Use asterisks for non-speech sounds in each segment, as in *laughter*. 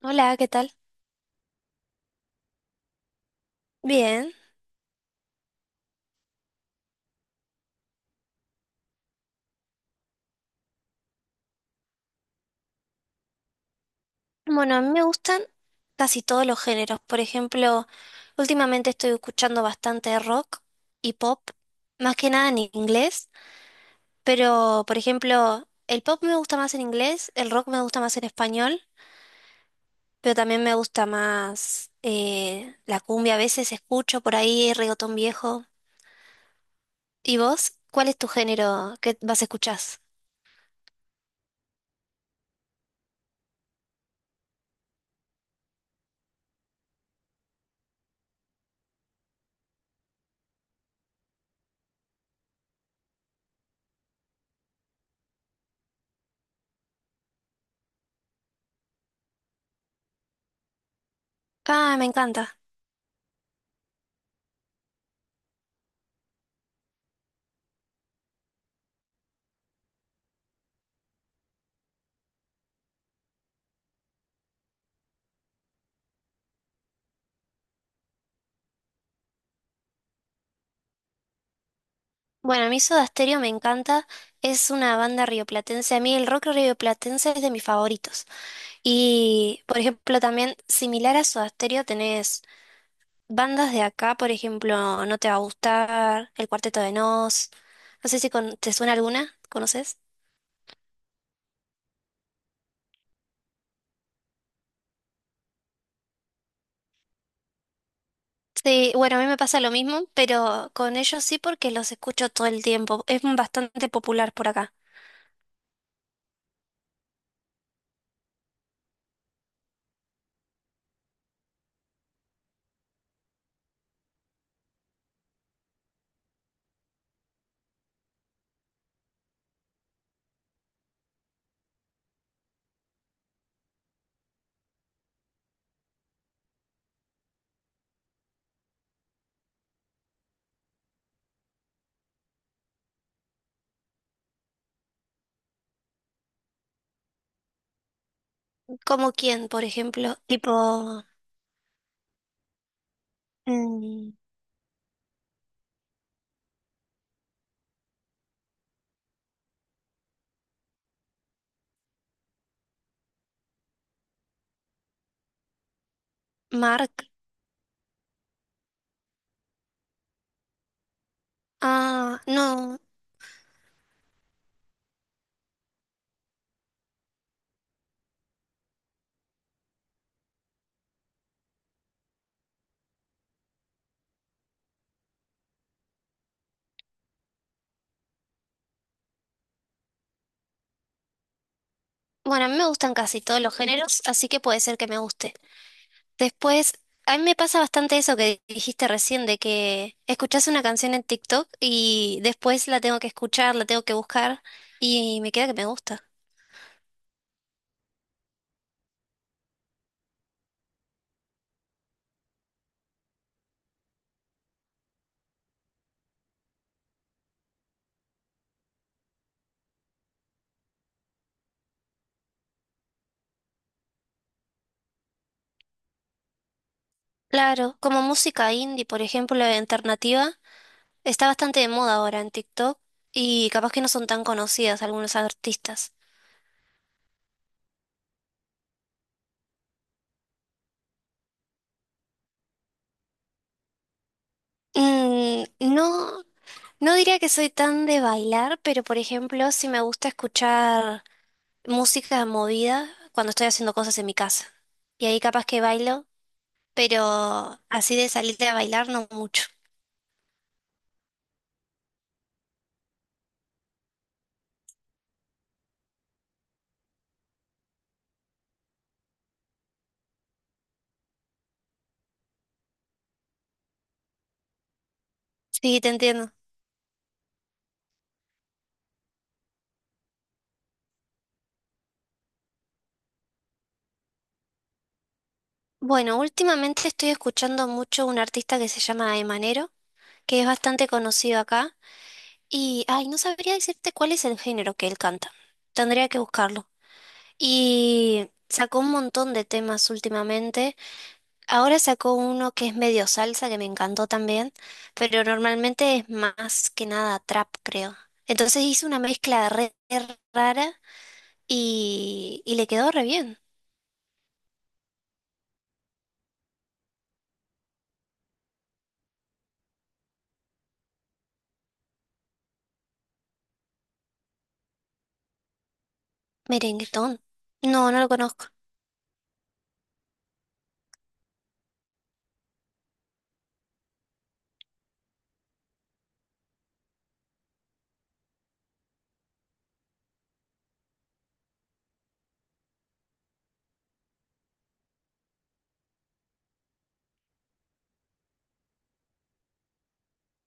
Hola, ¿qué tal? Bien. Bueno, a mí me gustan casi todos los géneros. Por ejemplo, últimamente estoy escuchando bastante rock y pop, más que nada en inglés, pero por ejemplo, el pop me gusta más en inglés, el rock me gusta más en español, pero también me gusta más la cumbia. A veces escucho por ahí reggaetón viejo. ¿Y vos? ¿Cuál es tu género que vas a escuchar? Ah, me encanta. Bueno, a mí Soda Stereo me encanta, es una banda rioplatense, a mí el rock rioplatense es de mis favoritos. Y, por ejemplo, también similar a Soda Stereo tenés bandas de acá, por ejemplo, No te va a gustar, El Cuarteto de Nos, no sé si te suena alguna, ¿conoces? Sí, bueno, a mí me pasa lo mismo, pero con ellos sí porque los escucho todo el tiempo, es bastante popular por acá. ¿Como quién, por ejemplo? Tipo, mm, Mark. Ah, no. Bueno, a mí me gustan casi todos los géneros, así que puede ser que me guste. Después, a mí me pasa bastante eso que dijiste recién, de que escuchás una canción en TikTok y después la tengo que escuchar, la tengo que buscar y me queda que me gusta. Claro, como música indie, por ejemplo, la alternativa, está bastante de moda ahora en TikTok y capaz que no son tan conocidas algunos artistas. Mm, no, no diría que soy tan de bailar, pero por ejemplo, si me gusta escuchar música movida cuando estoy haciendo cosas en mi casa. Y ahí capaz que bailo, pero así de salirte a bailar no mucho. Sí, te entiendo. Bueno, últimamente estoy escuchando mucho un artista que se llama Emanero, que es bastante conocido acá. Y, ay, no sabría decirte cuál es el género que él canta. Tendría que buscarlo. Y sacó un montón de temas últimamente. Ahora sacó uno que es medio salsa, que me encantó también, pero normalmente es más que nada trap, creo. Entonces hice una mezcla re, re rara y le quedó re bien. Merenguetón. No, no lo conozco.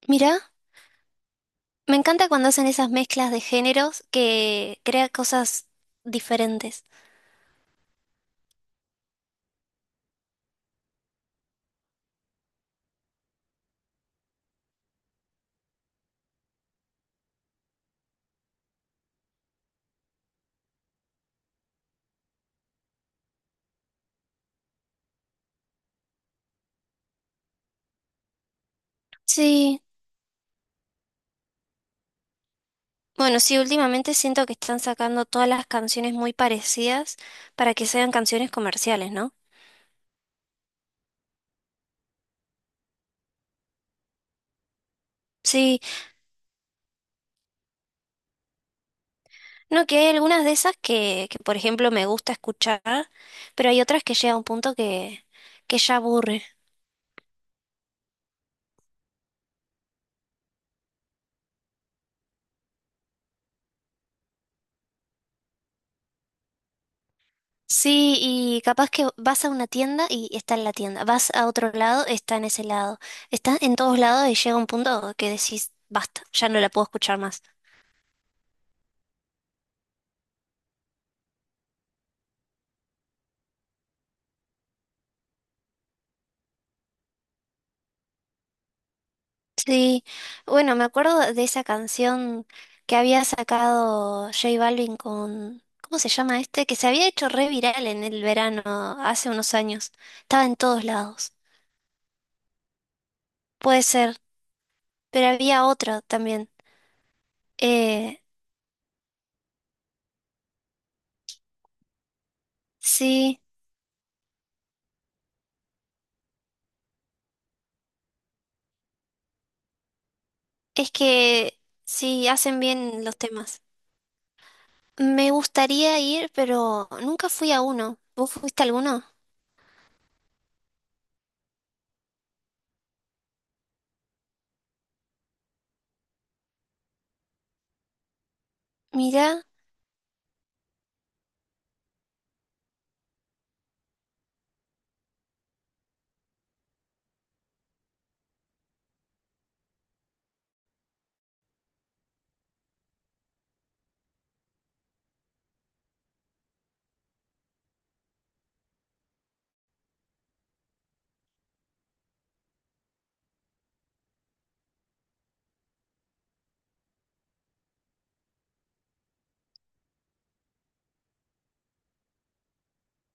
Mirá, me encanta cuando hacen esas mezclas de géneros que crea cosas diferentes. Sí, bueno, sí, últimamente siento que están sacando todas las canciones muy parecidas para que sean canciones comerciales, ¿no? Sí. No, que hay algunas de esas que, por ejemplo, me gusta escuchar, pero hay otras que llega a un punto que ya aburre. Sí, y capaz que vas a una tienda y está en la tienda, vas a otro lado, está en ese lado, está en todos lados y llega un punto que decís, basta, ya no la puedo escuchar más. Sí, bueno, me acuerdo de esa canción que había sacado J Balvin con, ¿cómo se llama este? Que se había hecho re viral en el verano hace unos años, estaba en todos lados. Puede ser. Pero había otra también. Eh, sí, es que sí, hacen bien los temas. Me gustaría ir, pero nunca fui a uno. ¿Vos fuiste a alguno? Mira,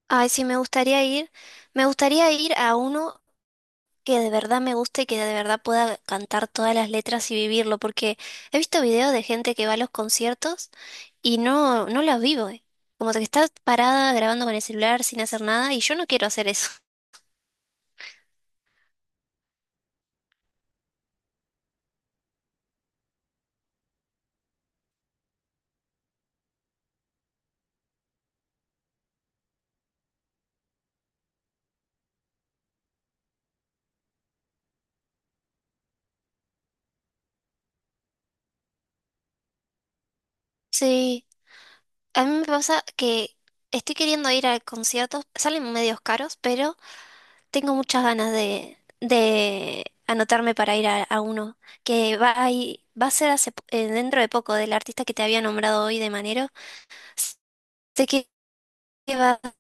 ay, sí, me gustaría ir. Me gustaría ir a uno que de verdad me guste y que de verdad pueda cantar todas las letras y vivirlo, porque he visto videos de gente que va a los conciertos y no, no los vivo, eh. Como que estás parada grabando con el celular sin hacer nada y yo no quiero hacer eso. *laughs* Sí. A mí me pasa que estoy queriendo ir a conciertos, salen medios caros, pero tengo muchas ganas de anotarme para ir a uno, que va a, va a ser dentro de poco del artista que te había nombrado hoy de Manero. Sé que va a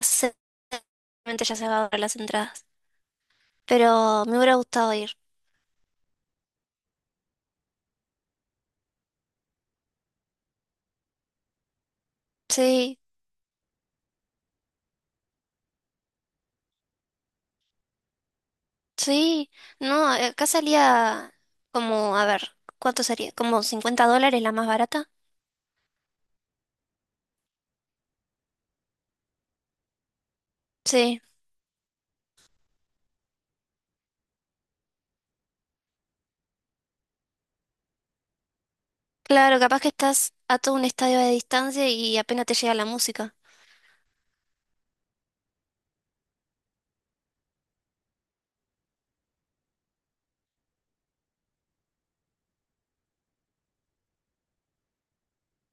ser, seguramente ya se va a agotar las entradas, pero me hubiera gustado ir. Sí, sí, no, acá salía como, a ver, ¿cuánto sería? ¿Como 50 dólares la más barata? Sí. Claro, capaz que estás a todo un estadio de distancia y apenas te llega la música.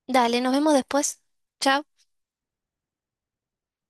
Dale, nos vemos después. Chao.